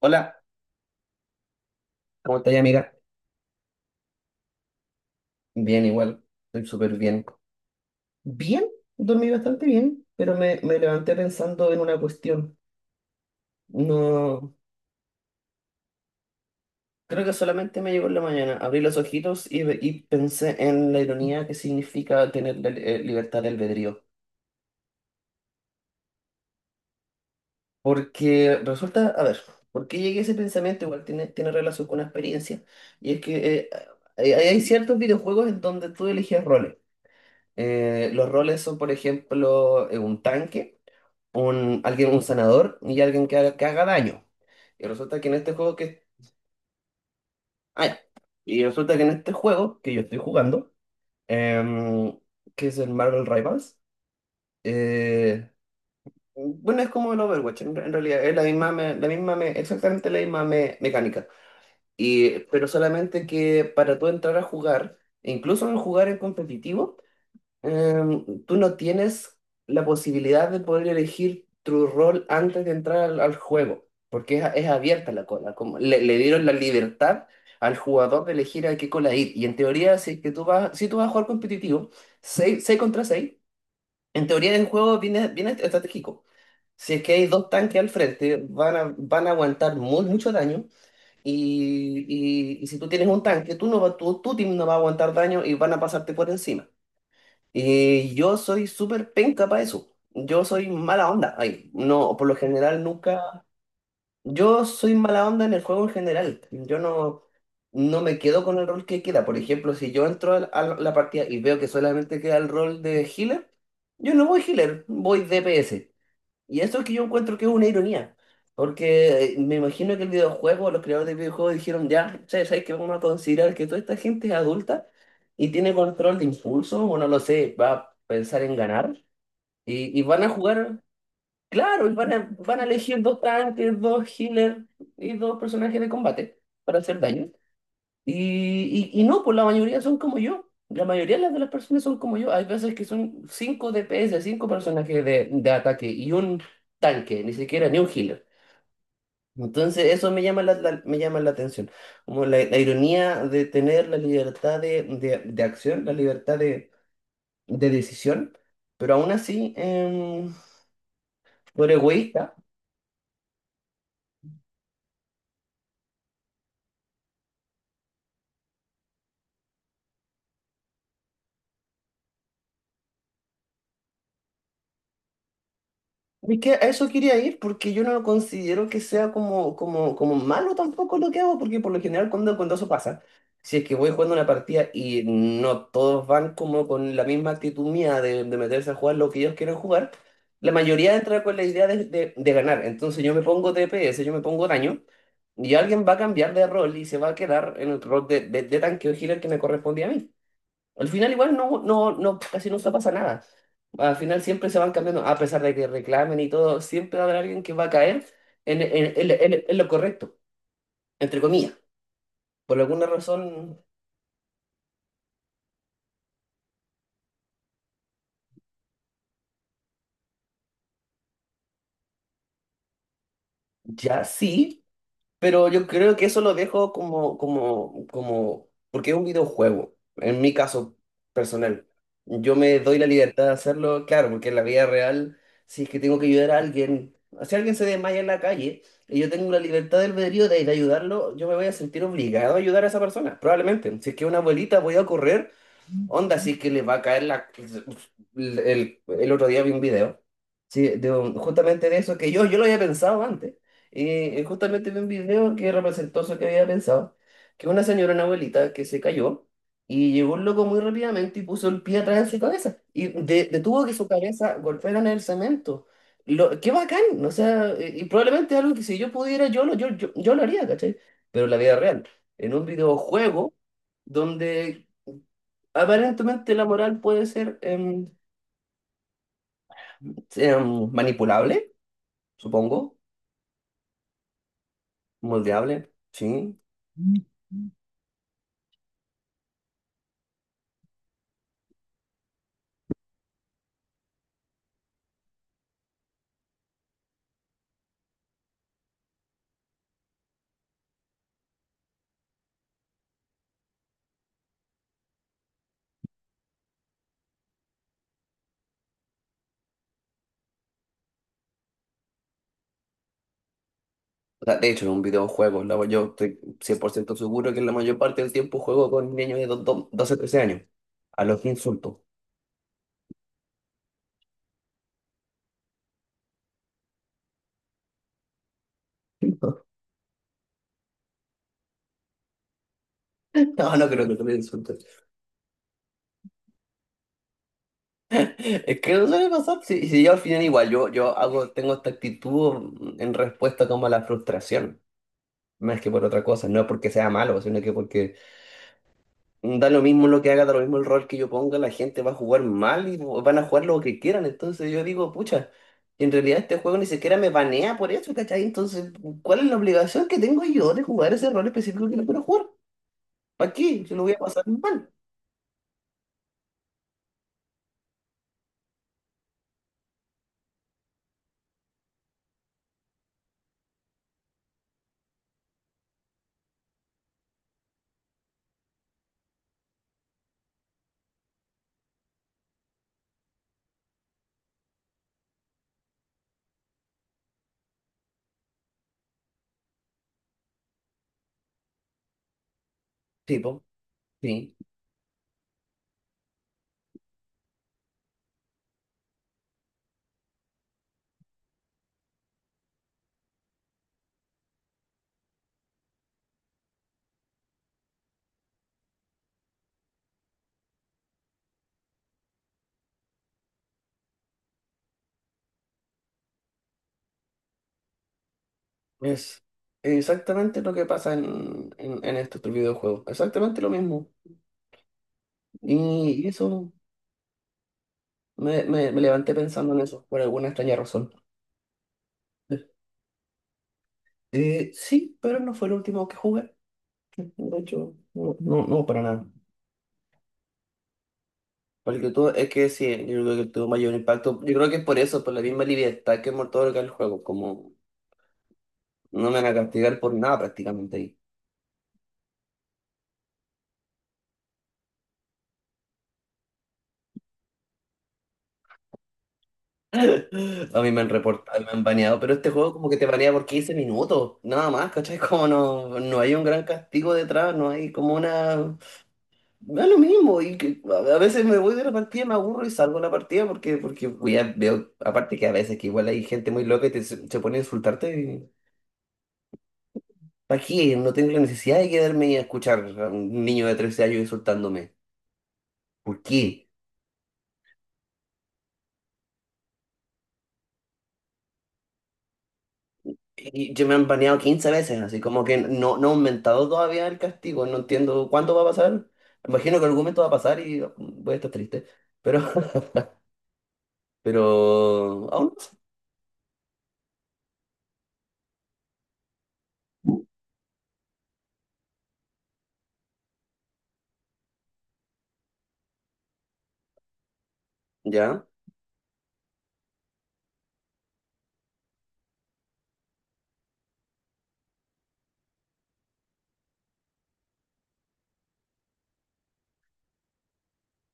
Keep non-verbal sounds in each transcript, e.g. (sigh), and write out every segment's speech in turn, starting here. Hola, ¿cómo estás, amiga? Bien, igual, estoy súper bien. Bien, dormí bastante bien, pero me levanté pensando en una cuestión. No, creo que solamente me llegó en la mañana. Abrí los ojitos y, pensé en la ironía que significa tener la libertad de albedrío. Porque resulta, a ver, ¿por qué llegué a ese pensamiento? Igual tiene relación con una experiencia. Y es que hay ciertos videojuegos en donde tú eliges roles. Los roles son, por ejemplo, un tanque. Alguien, un sanador y alguien que haga daño. Y resulta que en este juego que... ah, y resulta que en este juego que yo estoy jugando, em, que es el Marvel Rivals, eh, bueno, es como el Overwatch, en realidad es exactamente la misma mecánica. Y, pero solamente que para tú entrar a jugar, e incluso en jugar en competitivo, tú no tienes la posibilidad de poder elegir tu rol antes de entrar al juego, porque es abierta la cola. Como le dieron la libertad al jugador de elegir a qué cola ir. Y en teoría, si es que tú vas, si tú vas a jugar competitivo, 6 contra seis, en teoría el juego viene estratégico. Si es que hay dos tanques al frente, van a aguantar mucho daño. Y, y si tú tienes un tanque, tú no va, tu team no va a aguantar daño y van a pasarte por encima. Yo soy súper penca para eso. Yo soy mala onda. Ay, no, por lo general nunca. Yo soy mala onda en el juego en general. Yo no, no me quedo con el rol que queda. Por ejemplo, si yo entro a la partida y veo que solamente queda el rol de healer, yo no voy healer, voy DPS. Y eso es que yo encuentro que es una ironía, porque me imagino que el videojuego, los creadores de videojuegos dijeron, ya, che, ¿sabes que Vamos a considerar que toda esta gente es adulta y tiene control de impulso, o no lo sé, va a pensar en ganar, y van a jugar, claro, van a elegir dos tanques, dos healers y dos personajes de combate para hacer daño. Y no, pues la mayoría son como yo. La mayoría de las personas son como yo. Hay veces que son cinco DPS, cinco personajes de ataque y un tanque, ni siquiera ni un healer. Entonces eso me llama me llama la atención. Como la ironía de tener la libertad de acción, la libertad de decisión, pero aún así, por egoísta. Es que a eso quería ir porque yo no considero que sea como malo tampoco lo que hago, porque por lo general cuando eso pasa, si es que voy jugando una partida y no todos van como con la misma actitud mía de meterse a jugar lo que ellos quieren jugar, la mayoría entra con la idea de ganar. Entonces yo me pongo DPS, yo me pongo daño y alguien va a cambiar de rol y se va a quedar en el rol de tanque o healer que me correspondía a mí. Al final igual no, casi nunca pasa nada. Al final siempre se van cambiando, a pesar de que reclamen y todo, siempre va a haber alguien que va a caer en lo correcto, entre comillas. Por alguna razón, ya, sí. Pero yo creo que eso lo dejo porque es un videojuego, en mi caso personal. Yo me doy la libertad de hacerlo, claro, porque en la vida real, si es que tengo que ayudar a alguien, si alguien se desmaya en la calle y yo tengo la libertad del albedrío de ayudarlo, yo me voy a sentir obligado a ayudar a esa persona, probablemente. Si es que es una abuelita, voy a correr. Onda, sí que le va a caer la... El otro día vi un video, sí, justamente de eso, que yo lo había pensado antes. Y justamente vi un video que representó eso que había pensado, que una señora, una abuelita, que se cayó y llegó un loco muy rápidamente y puso el pie atrás de su cabeza y detuvo que su cabeza golpeara en el cemento. Lo, qué bacán, o sea, y probablemente algo que si yo pudiera, yo lo haría, ¿cachai? Pero en la vida real, en un videojuego donde aparentemente la moral puede ser manipulable, supongo, moldeable, sí. O sea, de hecho, en un videojuego, yo estoy 100% seguro que la mayor parte del tiempo juego con niños de 12, 13 años, a los que insulto. (laughs) No, no creo que te insultes. Es que no suele pasar. Si yo al final igual, yo hago, tengo esta actitud en respuesta como a la frustración, más que por otra cosa, no porque sea malo, sino que porque da lo mismo lo que haga, da lo mismo el rol que yo ponga, la gente va a jugar mal y van a jugar lo que quieran. Entonces yo digo, pucha, en realidad este juego ni siquiera me banea por eso, ¿cachai? Entonces, ¿cuál es la obligación que tengo yo de jugar ese rol específico que no quiero jugar? ¿Para qué? Yo lo voy a pasar mal. Tipo, sí, es exactamente lo que pasa en estos tres videojuegos. Exactamente lo mismo. Y, eso, me levanté pensando en eso, por alguna extraña razón. Sí, pero no fue el último que jugué. De hecho, no, para nada. Porque tú, es que sí, yo creo que tuvo mayor impacto. Yo creo que es por eso, por la misma libertad que Mortal Kombat el juego, como no me van a castigar por nada prácticamente ahí. (laughs) A mí me han reportado, me han baneado, pero este juego como que te banea por 15 minutos, nada más, ¿cachai? (laughs) Como no, no hay un gran castigo detrás, no hay como una... Da lo mismo, y que a veces me voy de la partida, me aburro y salgo de la partida porque, porque voy veo, aparte que a veces que igual hay gente muy loca y te, se pone a insultarte. ¿Para qué? No tengo la necesidad de quedarme y escuchar a un niño de 13 años insultándome. ¿Por qué? Y yo me han baneado 15 veces, así como que no, no ha aumentado todavía el castigo. No entiendo cuándo va a pasar. Imagino que en algún momento va a pasar y voy a estar triste. Pero, (laughs) pero aún no sé. ¿Ya?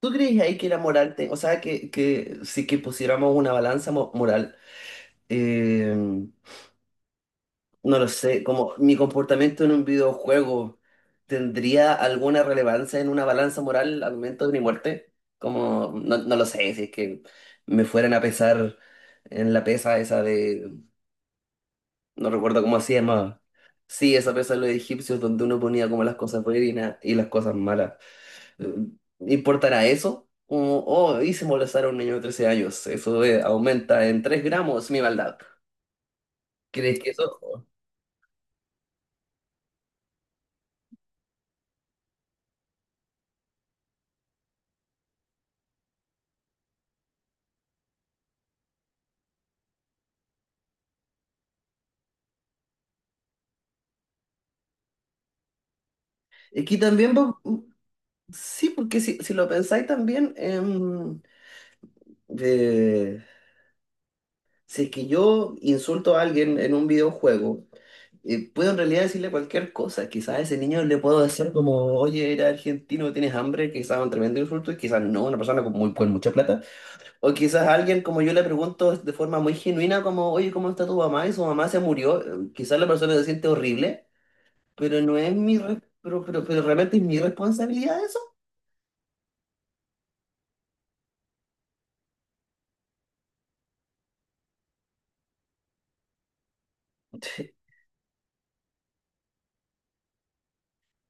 ¿Tú crees ahí que la moral, o sea, que si que pusiéramos una balanza moral, eh, no lo sé, como mi comportamiento en un videojuego tendría alguna relevancia en una balanza moral al momento de mi muerte, como no, no lo sé, si es que me fueran a pesar en la pesa esa de, no recuerdo cómo se llamaba? Sí, esa pesa de los egipcios donde uno ponía como las cosas buenas y las cosas malas. Eh, ¿Importará eso? Como, oh, hice molestar a un niño de 13 años, eso aumenta en 3 gramos mi maldad. ¿Crees que eso? Es que también va. Sí, porque si lo pensáis también, de- si es que yo insulto a alguien en un videojuego, puedo en realidad decirle cualquier cosa. Quizás a ese niño le puedo decir como, oye, eres argentino, tienes hambre, quizás un tremendo insulto, y quizás no, una persona con, muy, con mucha plata. O quizás a alguien como yo le pregunto de forma muy genuina como, oye, ¿cómo está tu mamá? Y su mamá se murió. Quizás la persona se siente horrible, pero no es mi... Pero, pero realmente es mi responsabilidad eso.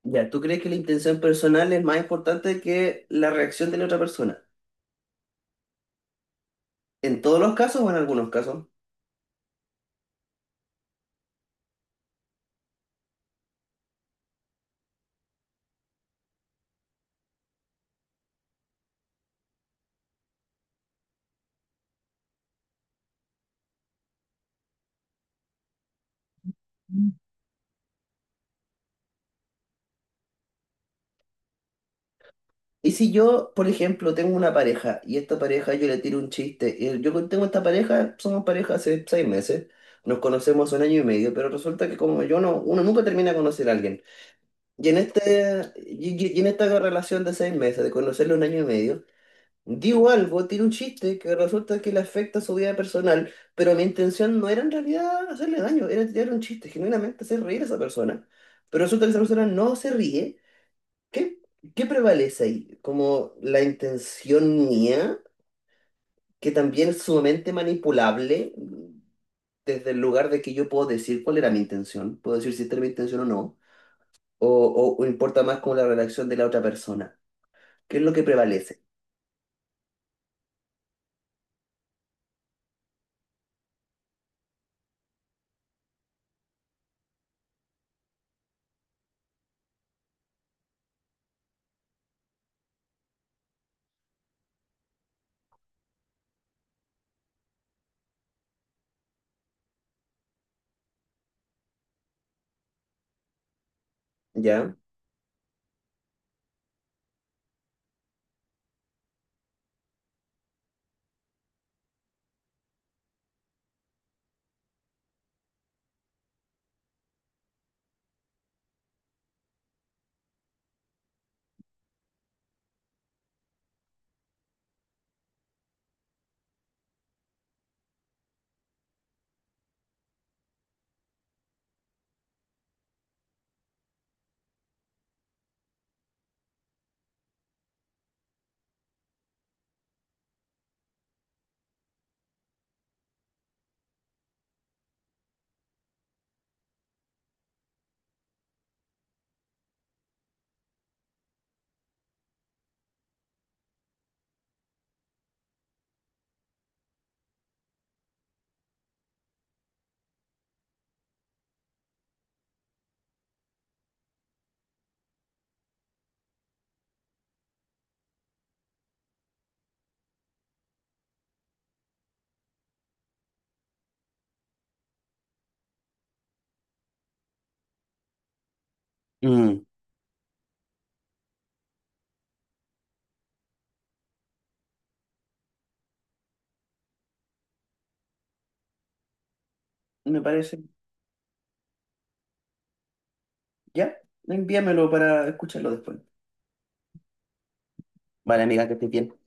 Ya, ¿tú crees que la intención personal es más importante que la reacción de la otra persona? ¿En todos los casos o en algunos casos? Y si yo, por ejemplo, tengo una pareja y esta pareja yo le tiro un chiste, y yo tengo esta pareja, somos pareja hace seis meses, nos conocemos hace un año y medio, pero resulta que como yo no, uno nunca termina de conocer a alguien. Y en este, y en esta relación de seis meses, de conocerlo un año y medio, digo algo, tiene un chiste que resulta que le afecta a su vida personal, pero mi intención no era en realidad hacerle daño, era tirar un chiste, genuinamente hacer reír a esa persona. Pero resulta que esa persona no se ríe. ¿Qué, qué prevalece ahí? ¿Como la intención mía, que también es sumamente manipulable desde el lugar de que yo puedo decir cuál era mi intención? Puedo decir si esta era mi intención o no, o importa más como la reacción de la otra persona. ¿Qué es lo que prevalece? ¿Ya? Mm, me parece. Ya, envíamelo para escucharlo después. Vale, amiga, que estés bien.